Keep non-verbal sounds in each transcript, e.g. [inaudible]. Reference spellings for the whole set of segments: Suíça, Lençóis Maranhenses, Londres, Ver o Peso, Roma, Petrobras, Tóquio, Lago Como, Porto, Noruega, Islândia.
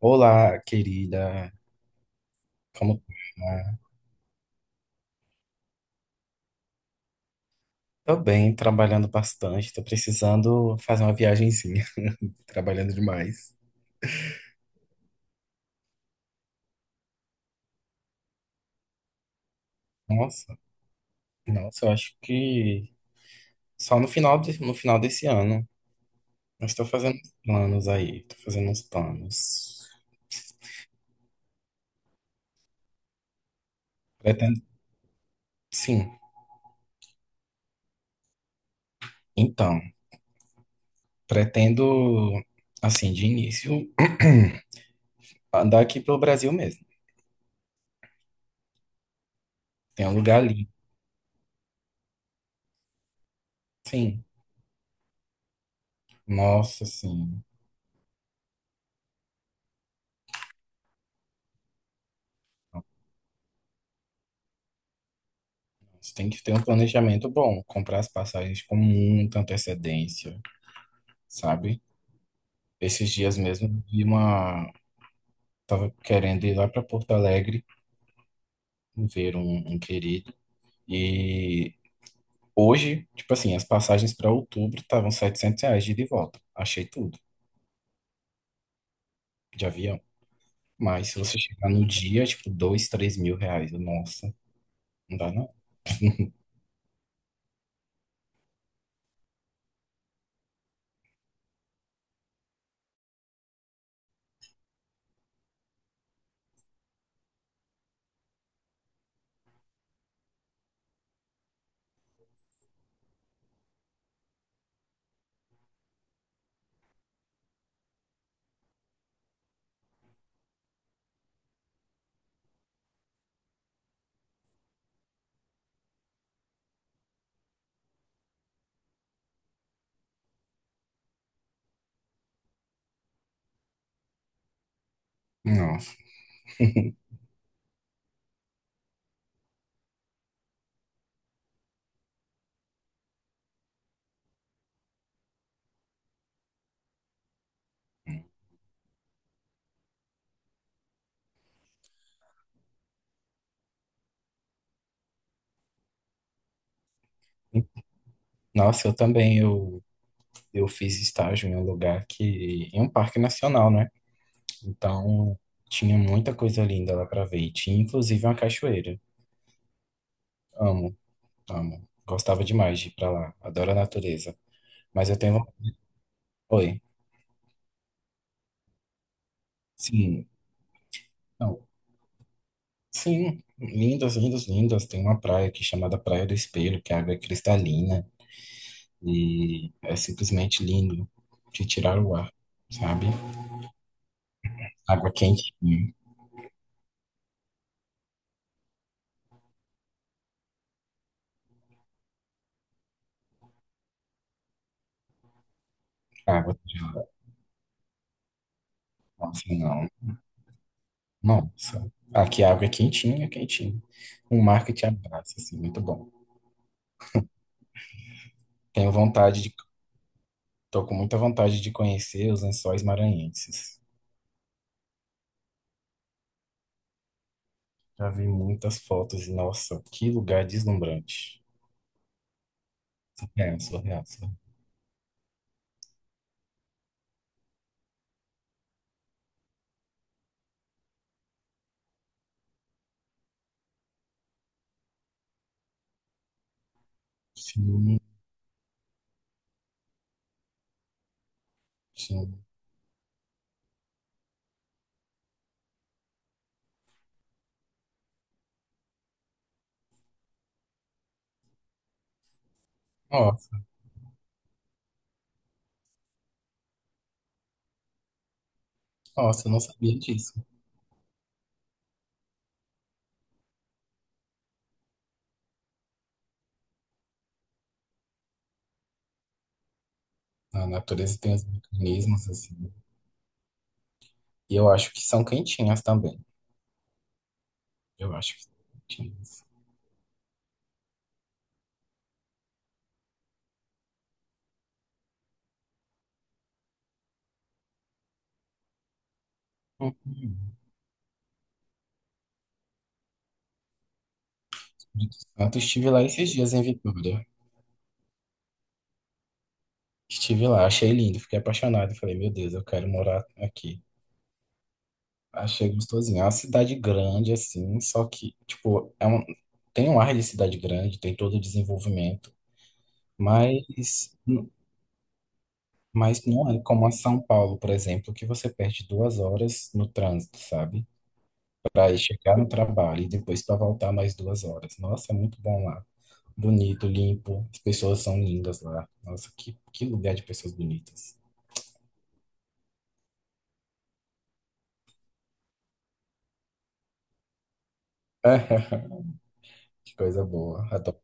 Olá, querida. Como tá? Tô bem, trabalhando bastante. Tô precisando fazer uma viagenzinha. [laughs] Trabalhando demais. Nossa, nossa, eu acho que só no final desse ano. Eu estou fazendo uns planos aí. Tô fazendo uns planos. Pretendo, sim. Então, pretendo, assim, de início, [clears throat] andar aqui pelo Brasil mesmo. Tem um lugar ali. Sim. Nossa, sim. Você tem que ter um planejamento bom, comprar as passagens com muita antecedência, sabe? Esses dias mesmo, eu vi uma. Tava querendo ir lá para Porto Alegre ver um querido. E hoje, tipo assim, as passagens para outubro estavam R$ 700 de ida e volta. Achei tudo, de avião. Mas se você chegar no dia, tipo, 2 3 mil reais. Nossa, não dá não. Não. [laughs] Nossa, eu também, eu fiz estágio em um lugar que, em um parque nacional, né? Então, tinha muita coisa linda lá pra ver. E tinha inclusive uma cachoeira. Amo, amo. Gostava demais de ir pra lá. Adoro a natureza. Mas eu tenho. Oi. Sim. Não. Sim. Lindas, lindas, lindas. Tem uma praia aqui chamada Praia do Espelho, que a água é cristalina. E é simplesmente lindo de tirar o ar, sabe? Água quentinha. Água. Nossa, não. Nossa. Aqui a água é quentinha, quentinha. Um mar que te abraça, assim, muito bom. Tenho vontade de Tô com muita vontade de conhecer os Lençóis Maranhenses. Já vi muitas fotos e, nossa, que lugar deslumbrante. É, surreal, surreal. Sim, sim. Nossa, nossa, eu não sabia disso. A natureza tem os mecanismos, assim. E eu acho que são quentinhas também. Eu acho que são quentinhas. Uhum. Espírito Santo, estive lá esses dias em Vitória. Estive lá, achei lindo, fiquei apaixonado. Falei, meu Deus, eu quero morar aqui. Achei gostosinho. É uma cidade grande, assim, só que, tipo, é um, tem um ar de cidade grande, tem todo o desenvolvimento, mas, mas não é como a São Paulo, por exemplo, que você perde duas horas no trânsito, sabe? Para ir chegar no trabalho e depois para voltar mais duas horas. Nossa, é muito bom lá. Bonito, limpo, as pessoas são lindas lá. Nossa, que lugar de pessoas bonitas. [laughs] Que coisa boa. Adoro.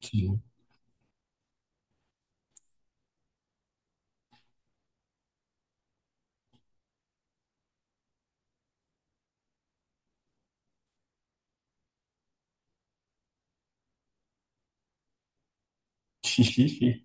Sim. [laughs]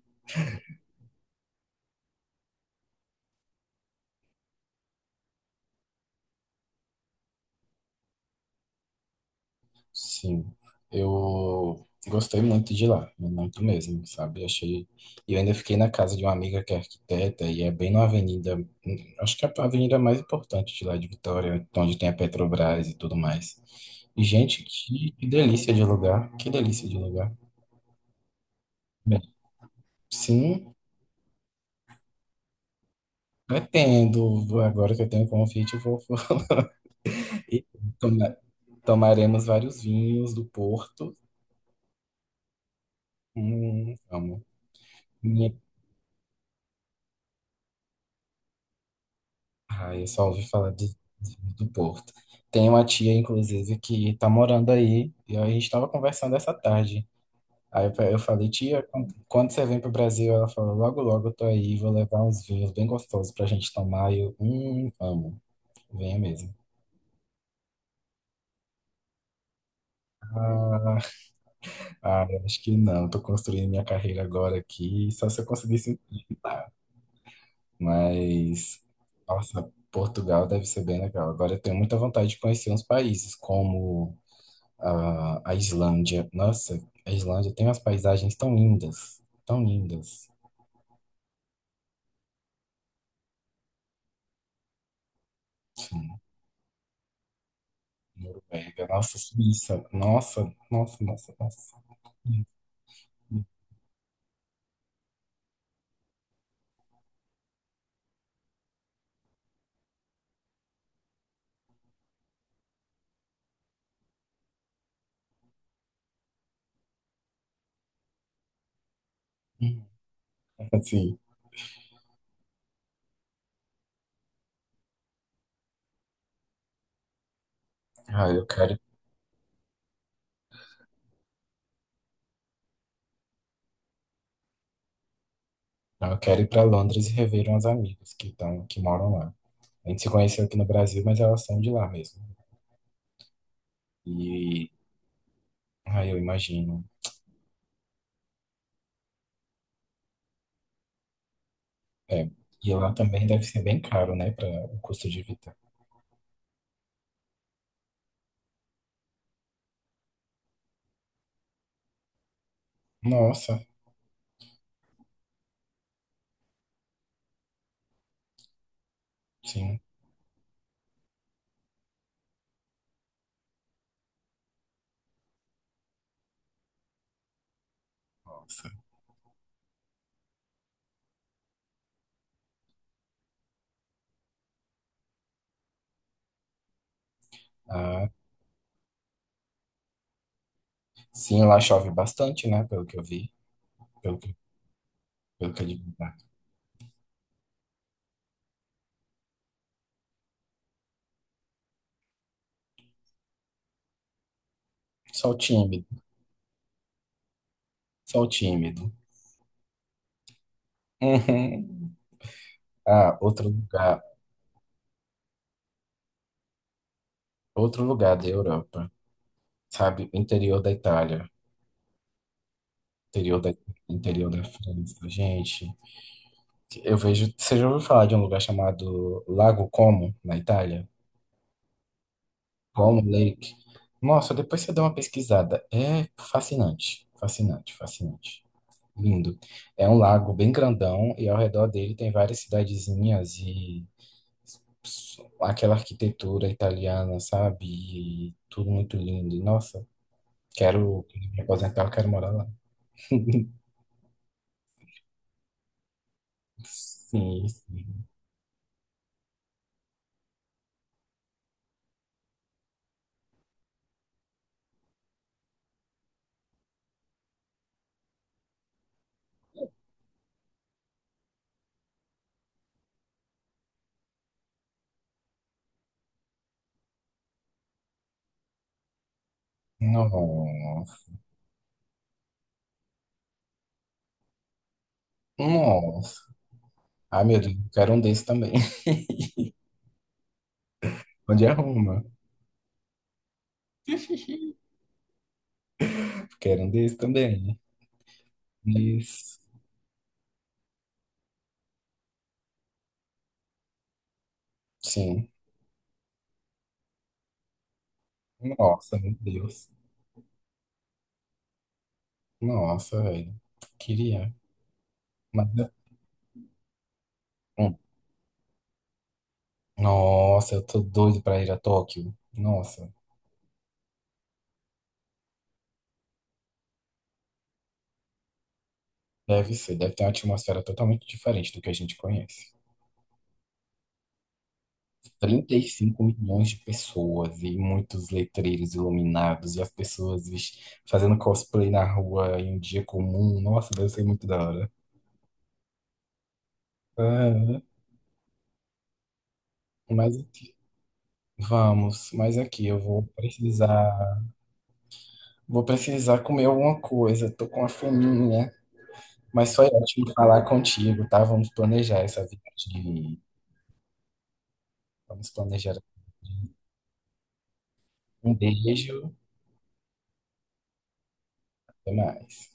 Sim, eu gostei muito de lá, muito mesmo, sabe? Achei. E eu ainda fiquei na casa de uma amiga que é arquiteta e é bem na avenida, acho que é a avenida mais importante de lá de Vitória, onde tem a Petrobras e tudo mais. E, gente, que delícia de lugar, que delícia de lugar. Bem, sim, pretendo, agora que eu tenho convite, eu vou [laughs] e toma- tomaremos vários vinhos do Porto. Amo. Ah, eu só ouvi falar de, do Porto. Tem uma tia, inclusive, que tá morando aí, e a gente tava conversando essa tarde. Aí eu falei, tia, quando você vem pro Brasil, ela falou, logo, logo eu tô aí, vou levar uns vinhos bem gostosos pra gente tomar. E eu, amo, venha mesmo. Ah, ah, eu acho que não, tô construindo minha carreira agora aqui, só se eu conseguisse empregar. Mas, nossa, Portugal deve ser bem legal. Agora eu tenho muita vontade de conhecer uns países, como a Islândia. Nossa, a Islândia tem umas paisagens tão lindas, tão lindas. Sim, Noruega, nossa, Suíça, nossa, nossa, nossa, nossa. Assim, ah, eu quero, eu quero ir para Londres e rever umas amigas que estão, que moram lá. A gente se conheceu aqui no Brasil, mas elas são de lá mesmo. E, eu imagino. É, e lá também deve ser bem caro, né, para o custo de vida. Nossa, sim, nossa. Ah, sim, lá chove bastante, né, pelo que eu vi. Pelo que, pelo que é de verdade. Só o tímido, só o tímido. Uhum. Ah, outro lugar da Europa, sabe? O interior da Itália, interior da, interior da França, gente. Eu vejo, você já ouviu falar de um lugar chamado Lago Como, na Itália? Como Lake. Nossa, depois você dá uma pesquisada. É fascinante, fascinante, fascinante. Lindo. É um lago bem grandão e ao redor dele tem várias cidadezinhas e aquela arquitetura italiana, sabe? E tudo muito lindo. E, nossa, quero quando me aposentar, eu quero morar lá. [laughs] Sim, sim. Nossa, nossa. Ai, meu Deus, eu quero um desse também. [laughs] Onde é Roma? Quero um desse também. Isso. Sim. Nossa, meu Deus. Nossa, velho. Queria. Mas, hum. Nossa, eu tô doido pra ir a Tóquio. Nossa, deve ser. Deve ter uma atmosfera totalmente diferente do que a gente conhece. 35 milhões de pessoas e muitos letreiros iluminados e as pessoas fazendo cosplay na rua em um dia comum. Nossa, deve ser muito da hora. Ah, mas vamos, mas aqui eu vou precisar, comer alguma coisa. Tô com uma fominha, mas foi ótimo falar contigo, tá? Vamos planejar essa viagem. Vamos planejar. Um beijo, até mais.